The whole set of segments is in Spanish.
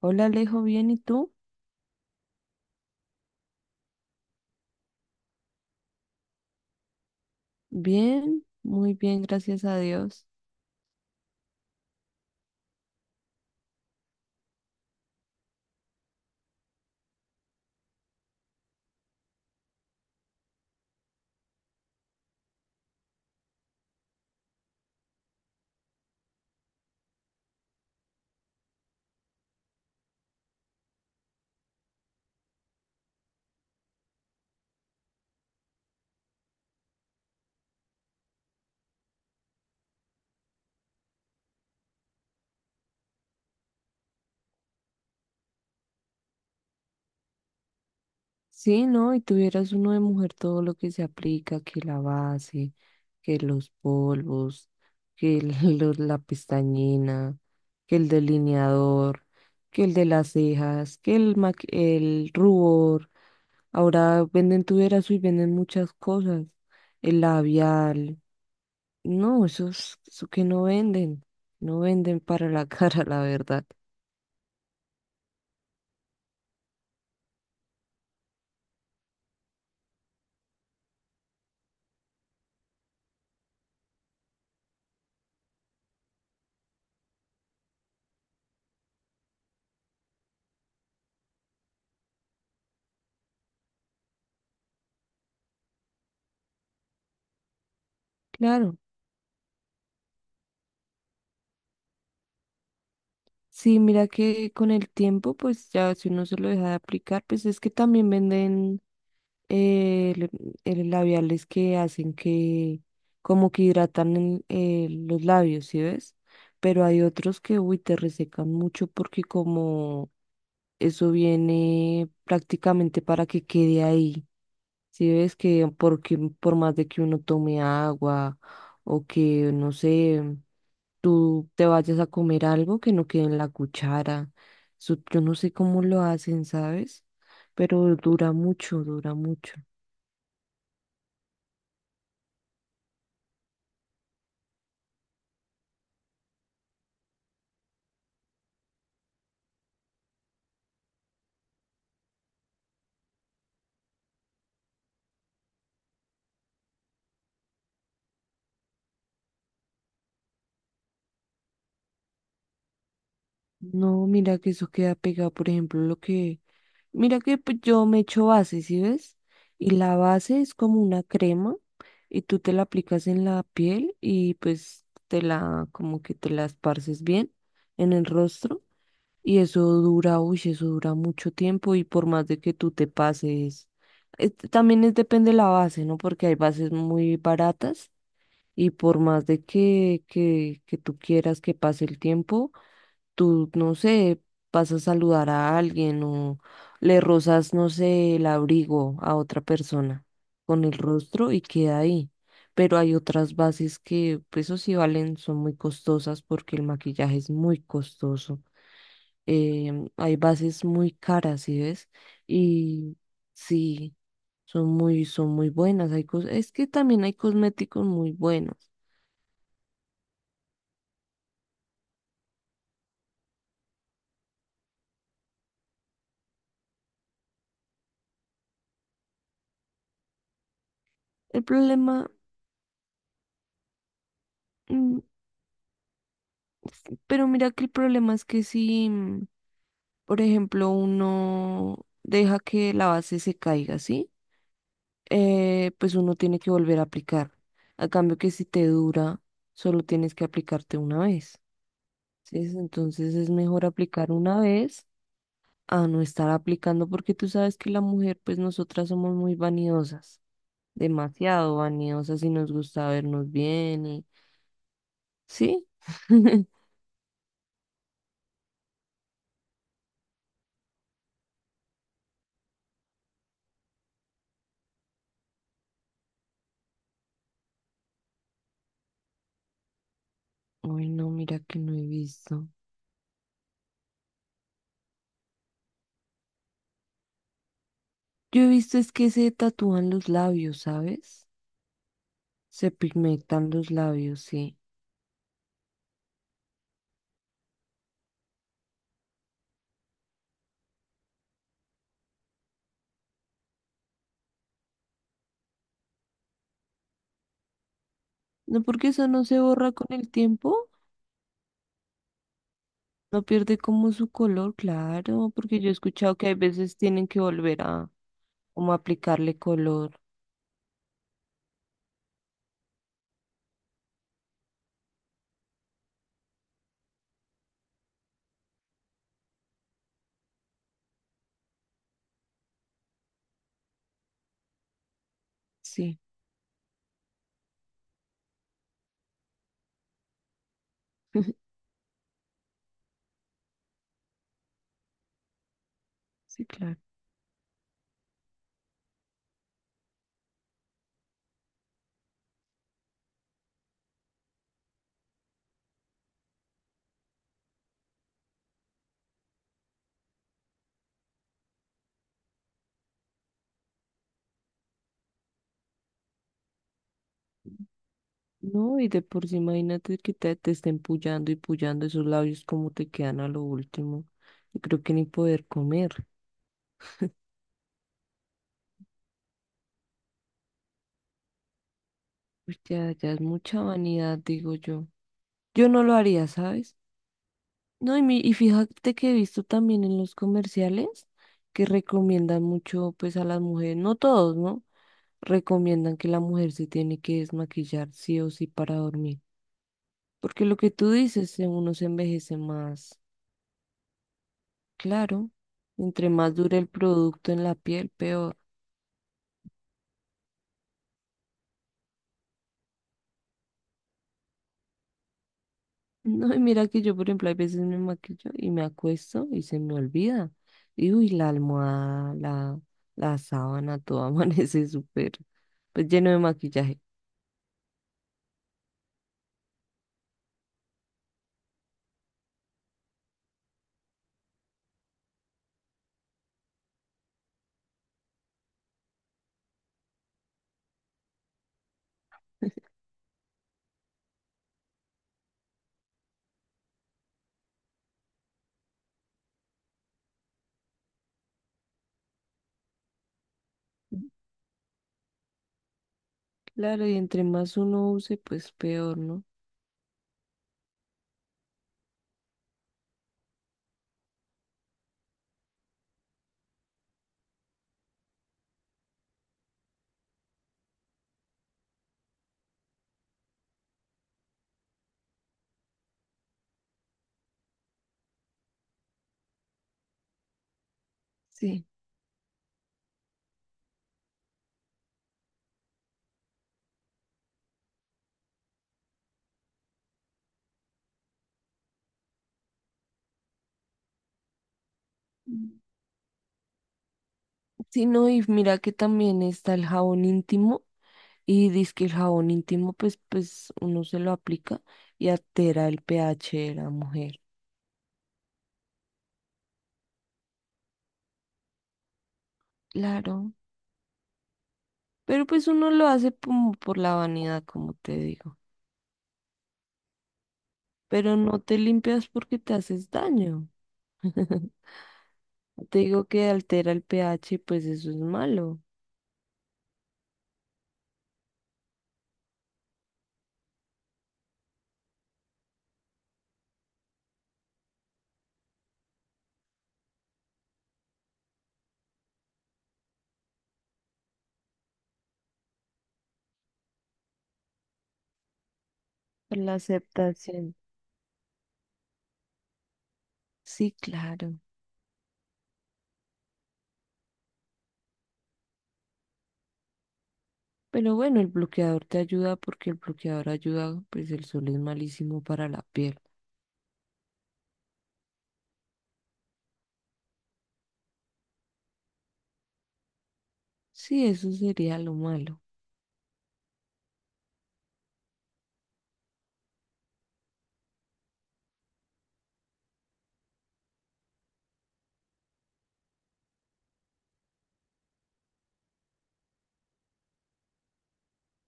Hola Alejo, ¿bien? ¿Y tú? Bien, muy bien, gracias a Dios. Sí, ¿no? Y tuvieras uno de mujer todo lo que se aplica, que la base, que los polvos, que el- la pestañina, que el delineador, que el de las cejas, el rubor. Ahora venden tuvieras y venden muchas cosas. El labial. No, eso que no venden. No venden para la cara, la verdad. Claro. Sí, mira que con el tiempo, pues ya si uno se lo deja de aplicar, pues es que también venden eh, le- el labiales que hacen que como que hidratan los labios, ¿sí ves? Pero hay otros que, uy, te resecan mucho porque como eso viene prácticamente para que quede ahí, ¿sí ves? Que porque por más de que uno tome agua o que, no sé, tú te vayas a comer algo que no quede en la cuchara. Eso yo no sé cómo lo hacen, ¿sabes? Pero dura mucho, dura mucho. No, mira que eso queda pegado, por ejemplo, lo que... Mira que pues, yo me echo base, ¿sí ves? Y la base es como una crema y tú te la aplicas en la piel y pues te la, como que te la esparces bien en el rostro. Y eso dura, uy, eso dura mucho tiempo y por más de que tú te pases, también es, depende de la base, ¿no? Porque hay bases muy baratas y por más de que, que tú quieras que pase el tiempo, tú, no sé, vas a saludar a alguien o le rozas, no sé, el abrigo a otra persona con el rostro y queda ahí. Pero hay otras bases que, pues, eso sí valen, son muy costosas porque el maquillaje es muy costoso. Hay bases muy caras, ¿sí ves? Y sí, son muy buenas. Hay es que también hay cosméticos muy buenos. El problema, mm, pero mira que el problema es que si, por ejemplo, uno deja que la base se caiga, ¿sí? Pues uno tiene que volver a aplicar. A cambio que si te dura, solo tienes que aplicarte una vez. ¿Sí? Entonces es mejor aplicar una vez a no estar aplicando, porque tú sabes que la mujer, pues nosotras somos muy vanidosas, demasiado vanidosas y nos gusta vernos bien y sí. Uy, no, mira que no he visto. Yo he visto es que se tatúan los labios, ¿sabes? Se pigmentan los labios, sí. No, porque eso no se borra con el tiempo, no pierde como su color, claro, porque yo he escuchado que hay veces tienen que volver a como aplicarle color, sí, sí, claro. No, y de por sí, imagínate que te estén pullando y pullando esos labios como te quedan a lo último. Y creo que ni poder comer. Pues ya, ya es mucha vanidad, digo yo. Yo no lo haría, ¿sabes? No, y fíjate que he visto también en los comerciales que recomiendan mucho pues a las mujeres, no todos, ¿no? Recomiendan que la mujer se tiene que desmaquillar sí o sí para dormir. Porque lo que tú dices, uno se envejece más, claro. Entre más dure el producto en la piel, peor. No, y mira que yo, por ejemplo, hay veces me maquillo y me acuesto y se me olvida. Y uy, la almohada, la sábana, todo amanece súper, pues lleno de maquillaje. Claro, y entre más uno use, pues peor, ¿no? Sí. Mm. Sí, no, y mira que también está el jabón íntimo. Y dice que el jabón íntimo, pues uno se lo aplica y altera el pH de la mujer. Claro. Pero pues uno lo hace como por la vanidad, como te digo. Pero no te limpias porque te haces daño. Te digo que altera el pH, pues eso es malo. La aceptación. Sí, claro. Pero bueno, el bloqueador te ayuda porque el bloqueador ayuda, pues el sol es malísimo para la piel. Sí, eso sería lo malo.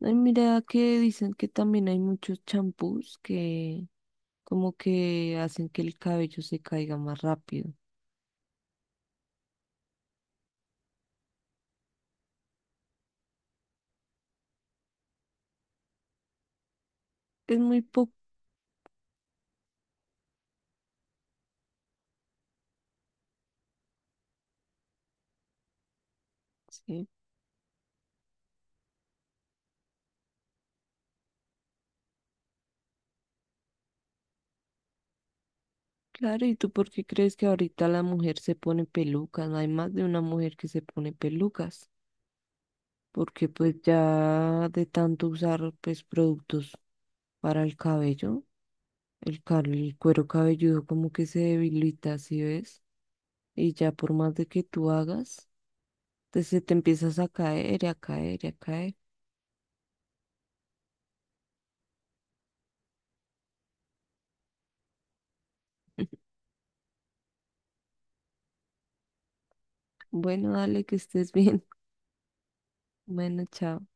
Ay, mira que dicen que también hay muchos champús que como que hacen que el cabello se caiga más rápido. Es muy poco. Claro, ¿y tú por qué crees que ahorita la mujer se pone pelucas? No hay más de una mujer que se pone pelucas, porque pues ya de tanto usar pues productos para el cabello, el cuero cabelludo como que se debilita, ¿sí ves? Y ya por más de que tú hagas, te, se te empiezas a caer y a caer y a caer. Bueno, dale, que estés bien. Bueno, chao.